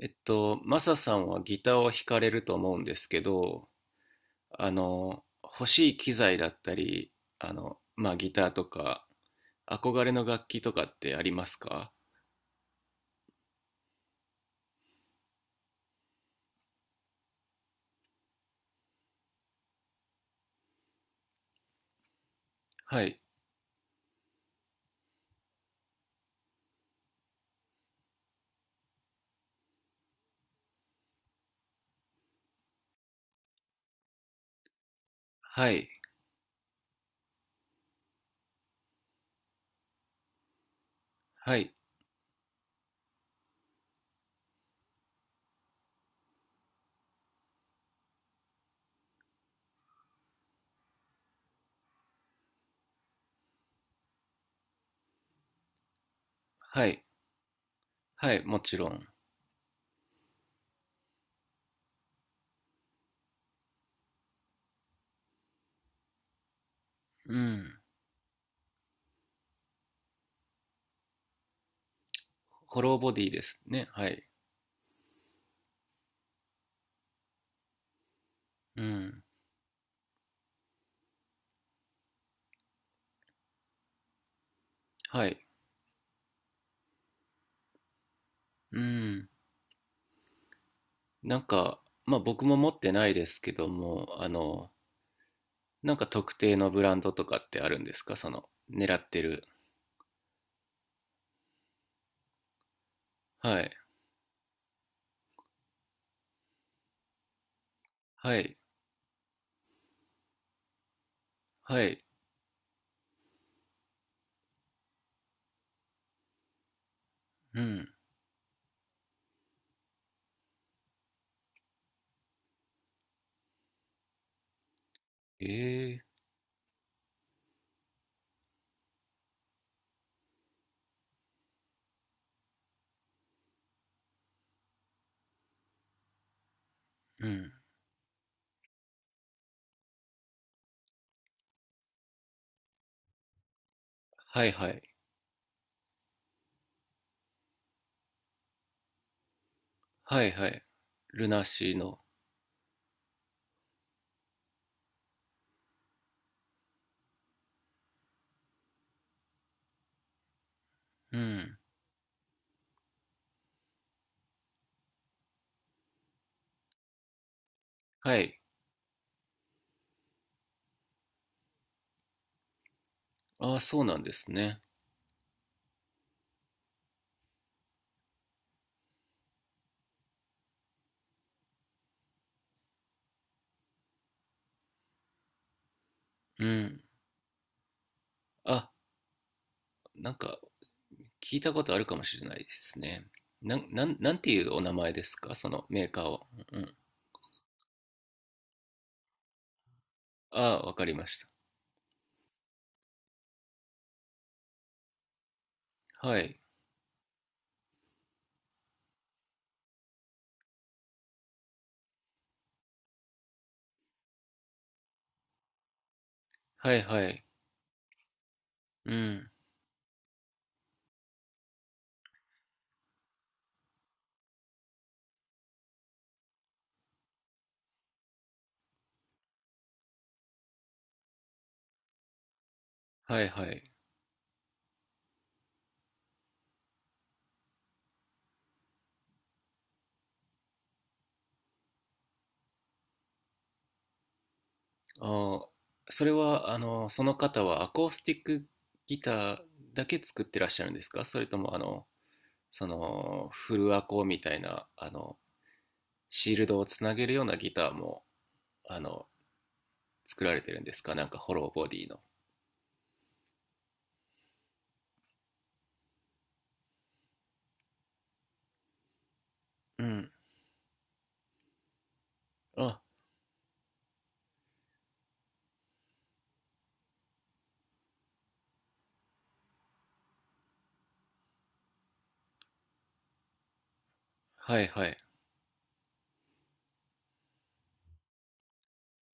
マサさんはギターを弾かれると思うんですけど、欲しい機材だったり、ギターとか、憧れの楽器とかってありますか？はい、はい、はい、はい、はい、もちろん。うん。ホローボディですね。はい。うん。はい。うん。なんか、まあ、僕も持ってないですけども、なんか特定のブランドとかってあるんですか、その、狙ってる。はい、はい、はい。うん。ええ、うん。はいはい。はいはい。ルナシーの。うん。はい。ああ、そうなんですね。うん。あ、なんか聞いたことあるかもしれないですね。なんていうお名前ですか、そのメーカーは。うん。ああ、わかりました。はい。はいはい。うん。はいはい。ああ、それは、その方はアコースティックギターだけ作ってらっしゃるんですか、それとも、その、フルアコみたいな、シールドをつなげるようなギターも、あの、作られてるんですか、なんかホローボディの。うん。あ、はいはい。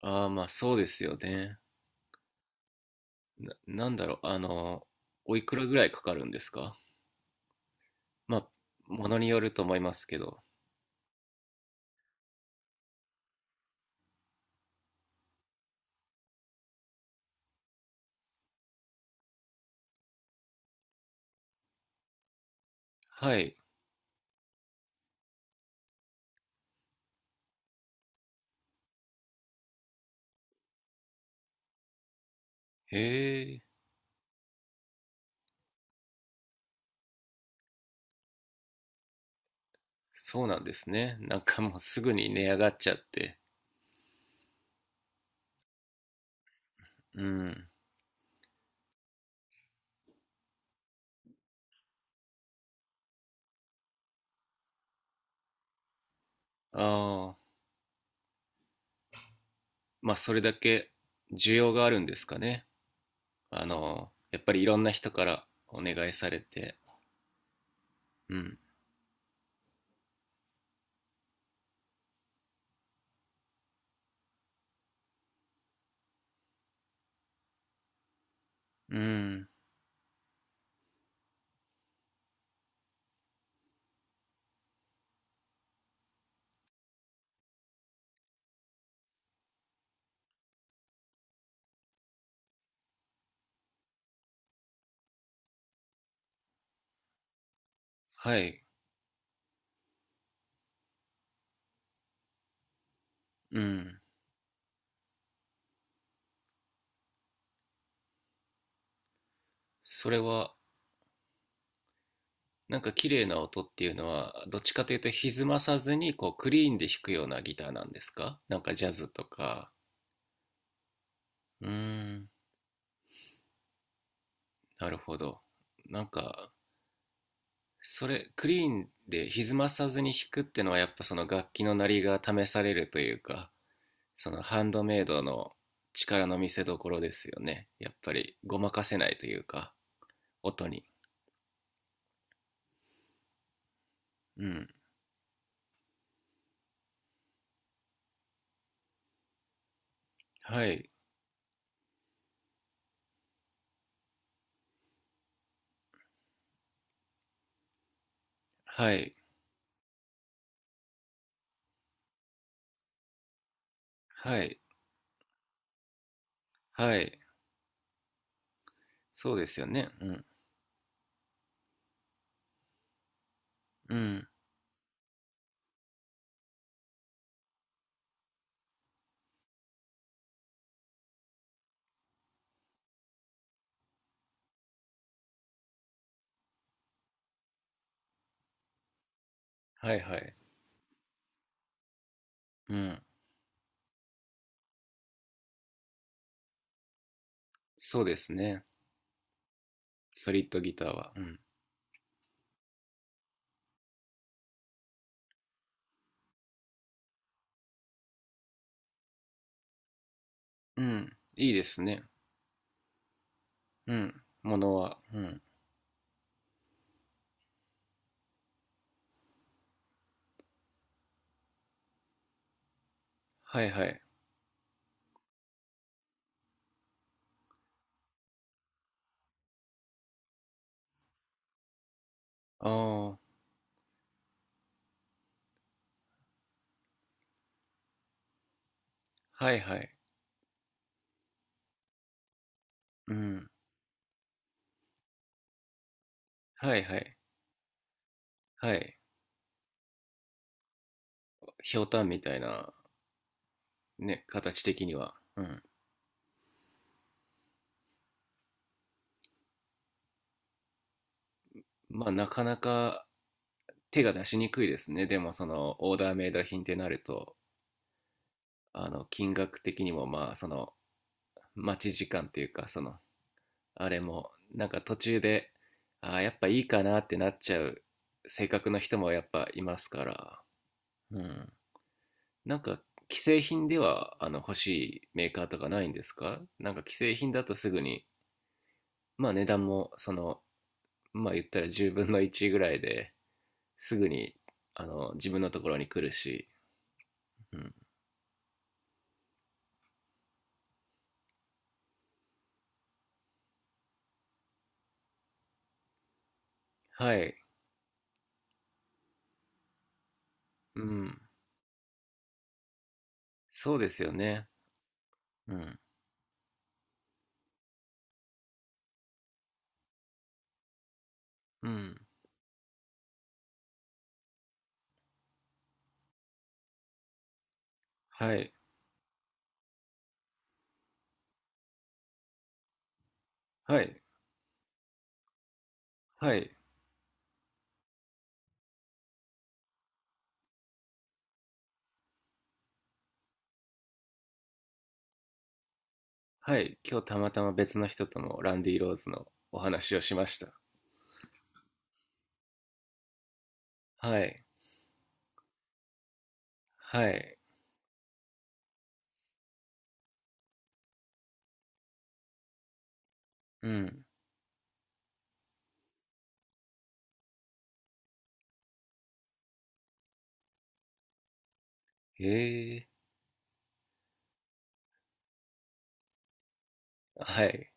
ああ、まあそうですよね。なんだろう、おいくらぐらいかかるんですか？まあ、ものによると思いますけど。はい。へえ、そうなんですね。なんかもうすぐに値上がっちゃって。うん。ああ、まあそれだけ需要があるんですかね。やっぱりいろんな人からお願いされて。うん。うん。はい。うん。それは、なんか綺麗な音っていうのは、どっちかというと歪まさずに、こう、クリーンで弾くようなギターなんですか、なんかジャズとか。うーん。なるほど。なんか、それ、クリーンで歪まさずに弾くってのは、やっぱその楽器の鳴りが試されるというか、そのハンドメイドの力の見せどころですよね。やっぱり、ごまかせないというか、音に。うん。はい。はい。はい。はい。そうですよね。うんうん。はいはい。うん。そうですね。ソリッドギターは。うん。うん。いいですね。うん。ものは。うん。はいはい。ああ。はいはい。うん。はいはい。はい。ひょうたんみたいな、ね、形的には。うん。まあ、なかなか手が出しにくいですね。でも、その、オーダーメイド品ってなると、金額的にも、まあ、その、待ち時間っていうか、その、あれも、なんか途中で、ああ、やっぱいいかなってなっちゃう性格の人もやっぱいますから、うん。なんか、既製品では、欲しいメーカーとかないんですか、なんか既製品だとすぐに、まあ値段も、その、まあ言ったら10分の1ぐらいですぐに、あの、自分のところに来るし、うん。はい。うん。そうですよね。うん。うん。はい。はい。はい。はい、今日たまたま別の人ともランディ・ローズのお話をしました。はい、はい、うん、へえ、はい、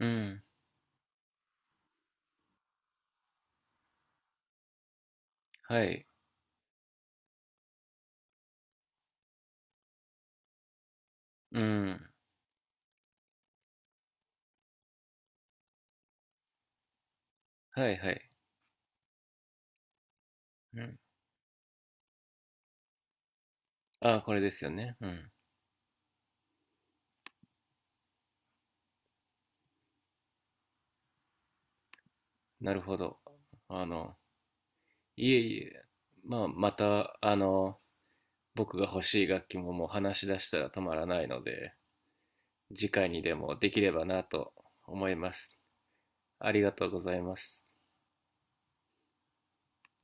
うん、はい、うん、はい、はい、うん。ああ、これですよね。うん、なるほど。あの、いえいえ、まあ、また、僕が欲しい楽器ももう話し出したら止まらないので、次回にでもできればなと思います。ありがとうございます。